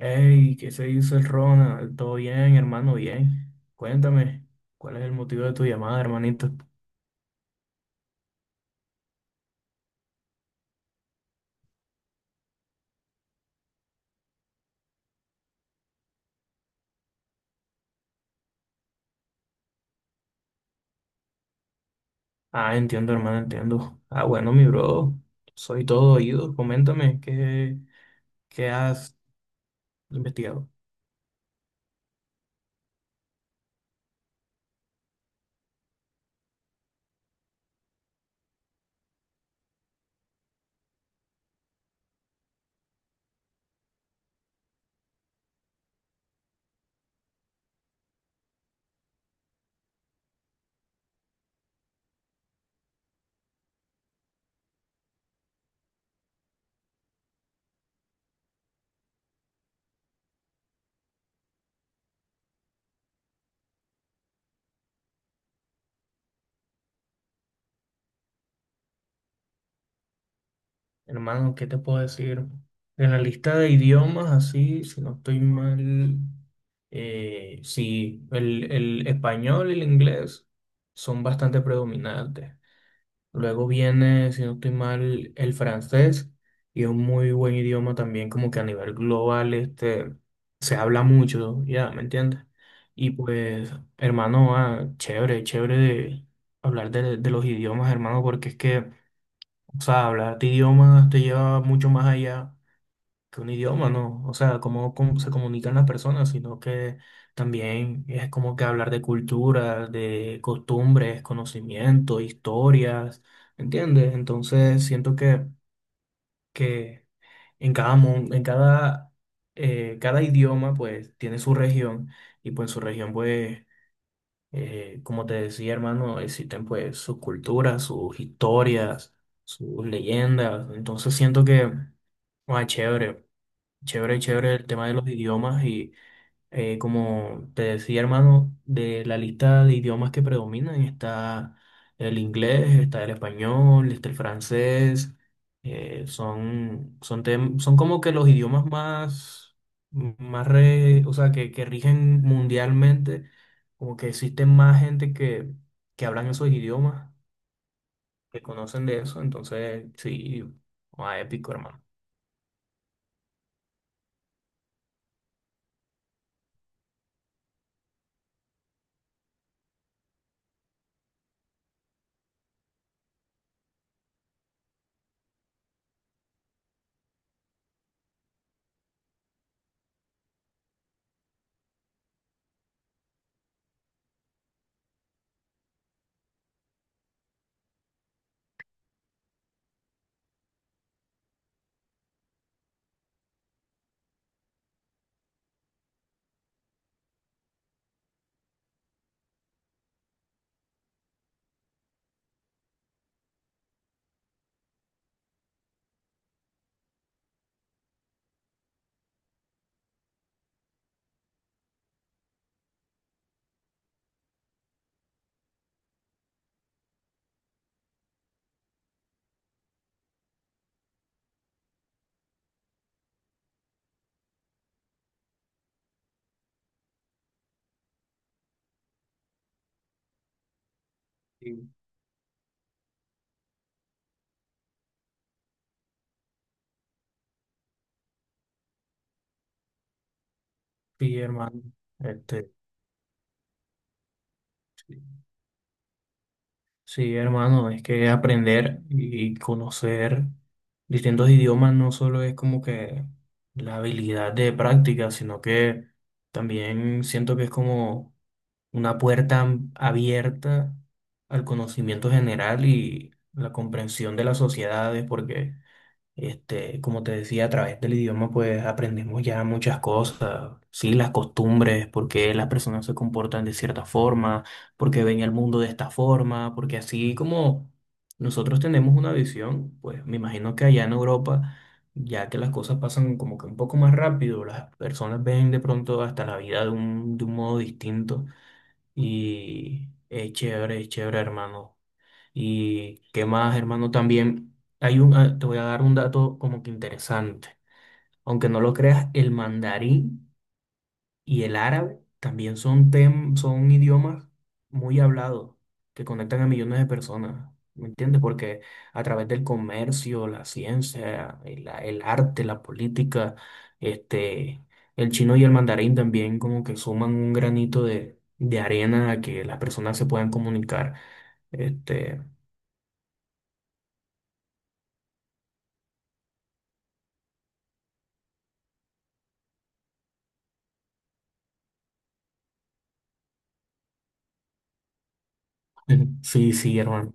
Hey, ¿qué se dice el Ronald? ¿Todo bien, hermano? Bien. Cuéntame, ¿cuál es el motivo de tu llamada, hermanito? Ah, entiendo, hermano, entiendo. Ah, bueno, mi bro, soy todo oído. Coméntame, ¿qué has investigado? Hermano, ¿qué te puedo decir? En la lista de idiomas, así, si no estoy mal, sí, el español y el inglés son bastante predominantes. Luego viene, si no estoy mal, el francés y es un muy buen idioma también, como que a nivel global, este, se habla mucho, ya, ¿me entiendes? Y pues, hermano, ah, chévere, chévere de de los idiomas, hermano, porque es que, o sea, hablar de idiomas te lleva mucho más allá que un idioma, ¿no? O sea, cómo se comunican las personas, sino que también es como que hablar de cultura, de costumbres, conocimiento, historias, ¿entiendes? Entonces siento que en cada, cada idioma pues tiene su región y pues en su región pues, como te decía hermano, existen pues sus culturas, sus historias, sus leyendas, entonces siento que, ah, chévere. Chévere, chévere el tema de los idiomas y como te decía hermano, de la lista de idiomas que predominan está el inglés, está el español, está el francés, son como que los idiomas más, o sea, que rigen mundialmente, como que existe más gente que hablan esos idiomas, que conocen de eso, entonces sí, más épico hermano. Sí, sí, hermano. Este, sí. Sí, hermano, es que aprender y conocer distintos idiomas no solo es como que la habilidad de práctica, sino que también siento que es como una abierta al conocimiento general y la comprensión de las sociedades, porque este, como te decía, a través del idioma pues aprendemos ya muchas cosas, sí, las costumbres, por qué las personas se comportan de cierta forma, por qué ven el mundo de esta forma, porque así como nosotros tenemos una visión, pues me imagino que allá en Europa, ya que las cosas pasan como que un poco más rápido, las personas ven de pronto hasta la vida de un modo distinto y es chévere, hermano. Y qué más, hermano, también hay un, ah, te voy a dar un dato como que interesante. Aunque no lo creas, el mandarín y el árabe también son idiomas muy hablados que conectan a millones de personas. ¿Me entiendes? Porque a través del comercio, la ciencia, el arte, la política, este, el chino y el mandarín también como que suman un granito de arena a que las personas se puedan comunicar. Este, ujú. Sí, sí, hermano.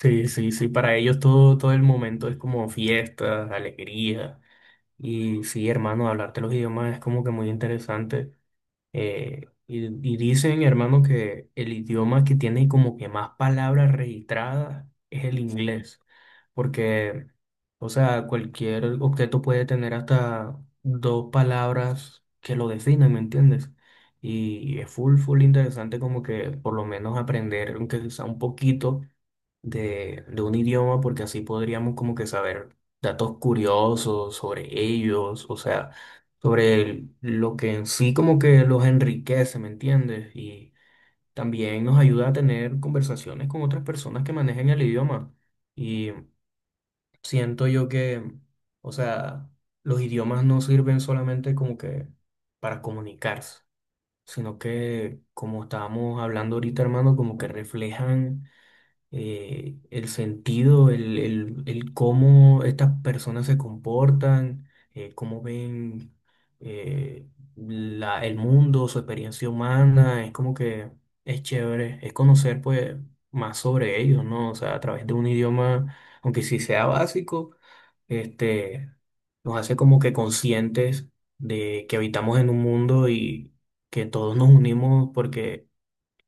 Sí, sí, sí. Para ellos todo, todo el momento es como fiestas, alegría. Y sí, hermano, hablar de los idiomas es como que muy interesante. Y dicen, hermano, que el idioma que tiene como que más palabras registradas es el inglés, porque, o sea, cualquier objeto puede tener hasta dos palabras que lo definen, ¿me entiendes? Y es full, full interesante como que por lo menos aprender, aunque sea un poquito, de un idioma porque así podríamos como que saber datos curiosos sobre ellos, o sea, lo que en sí como que los enriquece, ¿me entiendes? Y también nos ayuda a tener conversaciones con otras personas que manejen el idioma. Y siento yo que, o sea, los idiomas no sirven solamente como que para comunicarse, sino que, como estábamos hablando ahorita, hermano, como que reflejan el sentido, el cómo estas personas se comportan, cómo ven eh, el mundo, su experiencia humana, es como que es chévere, es conocer pues más sobre ellos, ¿no? O sea, a través de un idioma, aunque sí sea básico, este, nos hace como que conscientes de que habitamos en un mundo y que todos nos unimos porque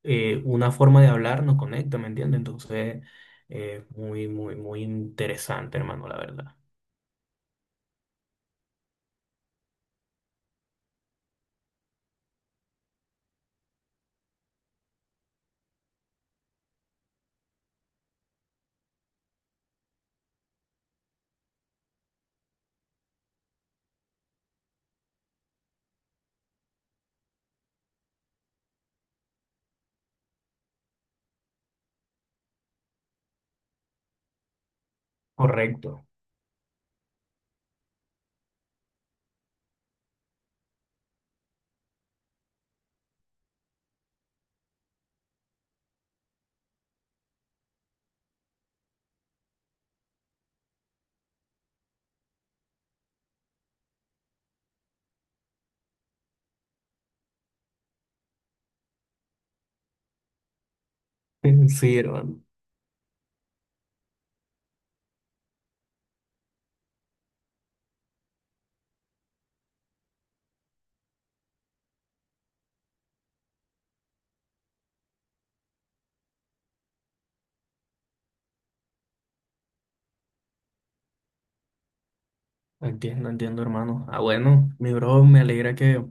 una forma de hablar nos conecta, ¿me entiendes? Entonces, muy, muy, muy interesante, hermano, la verdad. Correcto. Sí, hermano. Entiendo, entiendo, hermano. Ah, bueno, mi bro, me alegra que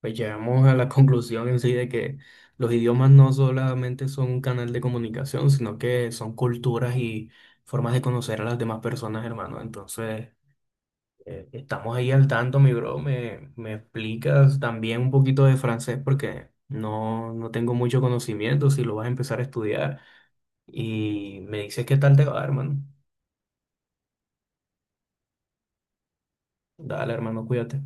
pues, llegamos a la conclusión en sí de que los idiomas no solamente son un canal de comunicación, sino que son culturas y formas de conocer a las demás personas, hermano. Entonces, estamos ahí al tanto, mi bro. Me explicas también un poquito de francés? Porque no, no tengo mucho conocimiento si lo vas a empezar a estudiar. Y me dices qué tal te va, hermano. Dale, hermano, cuídate.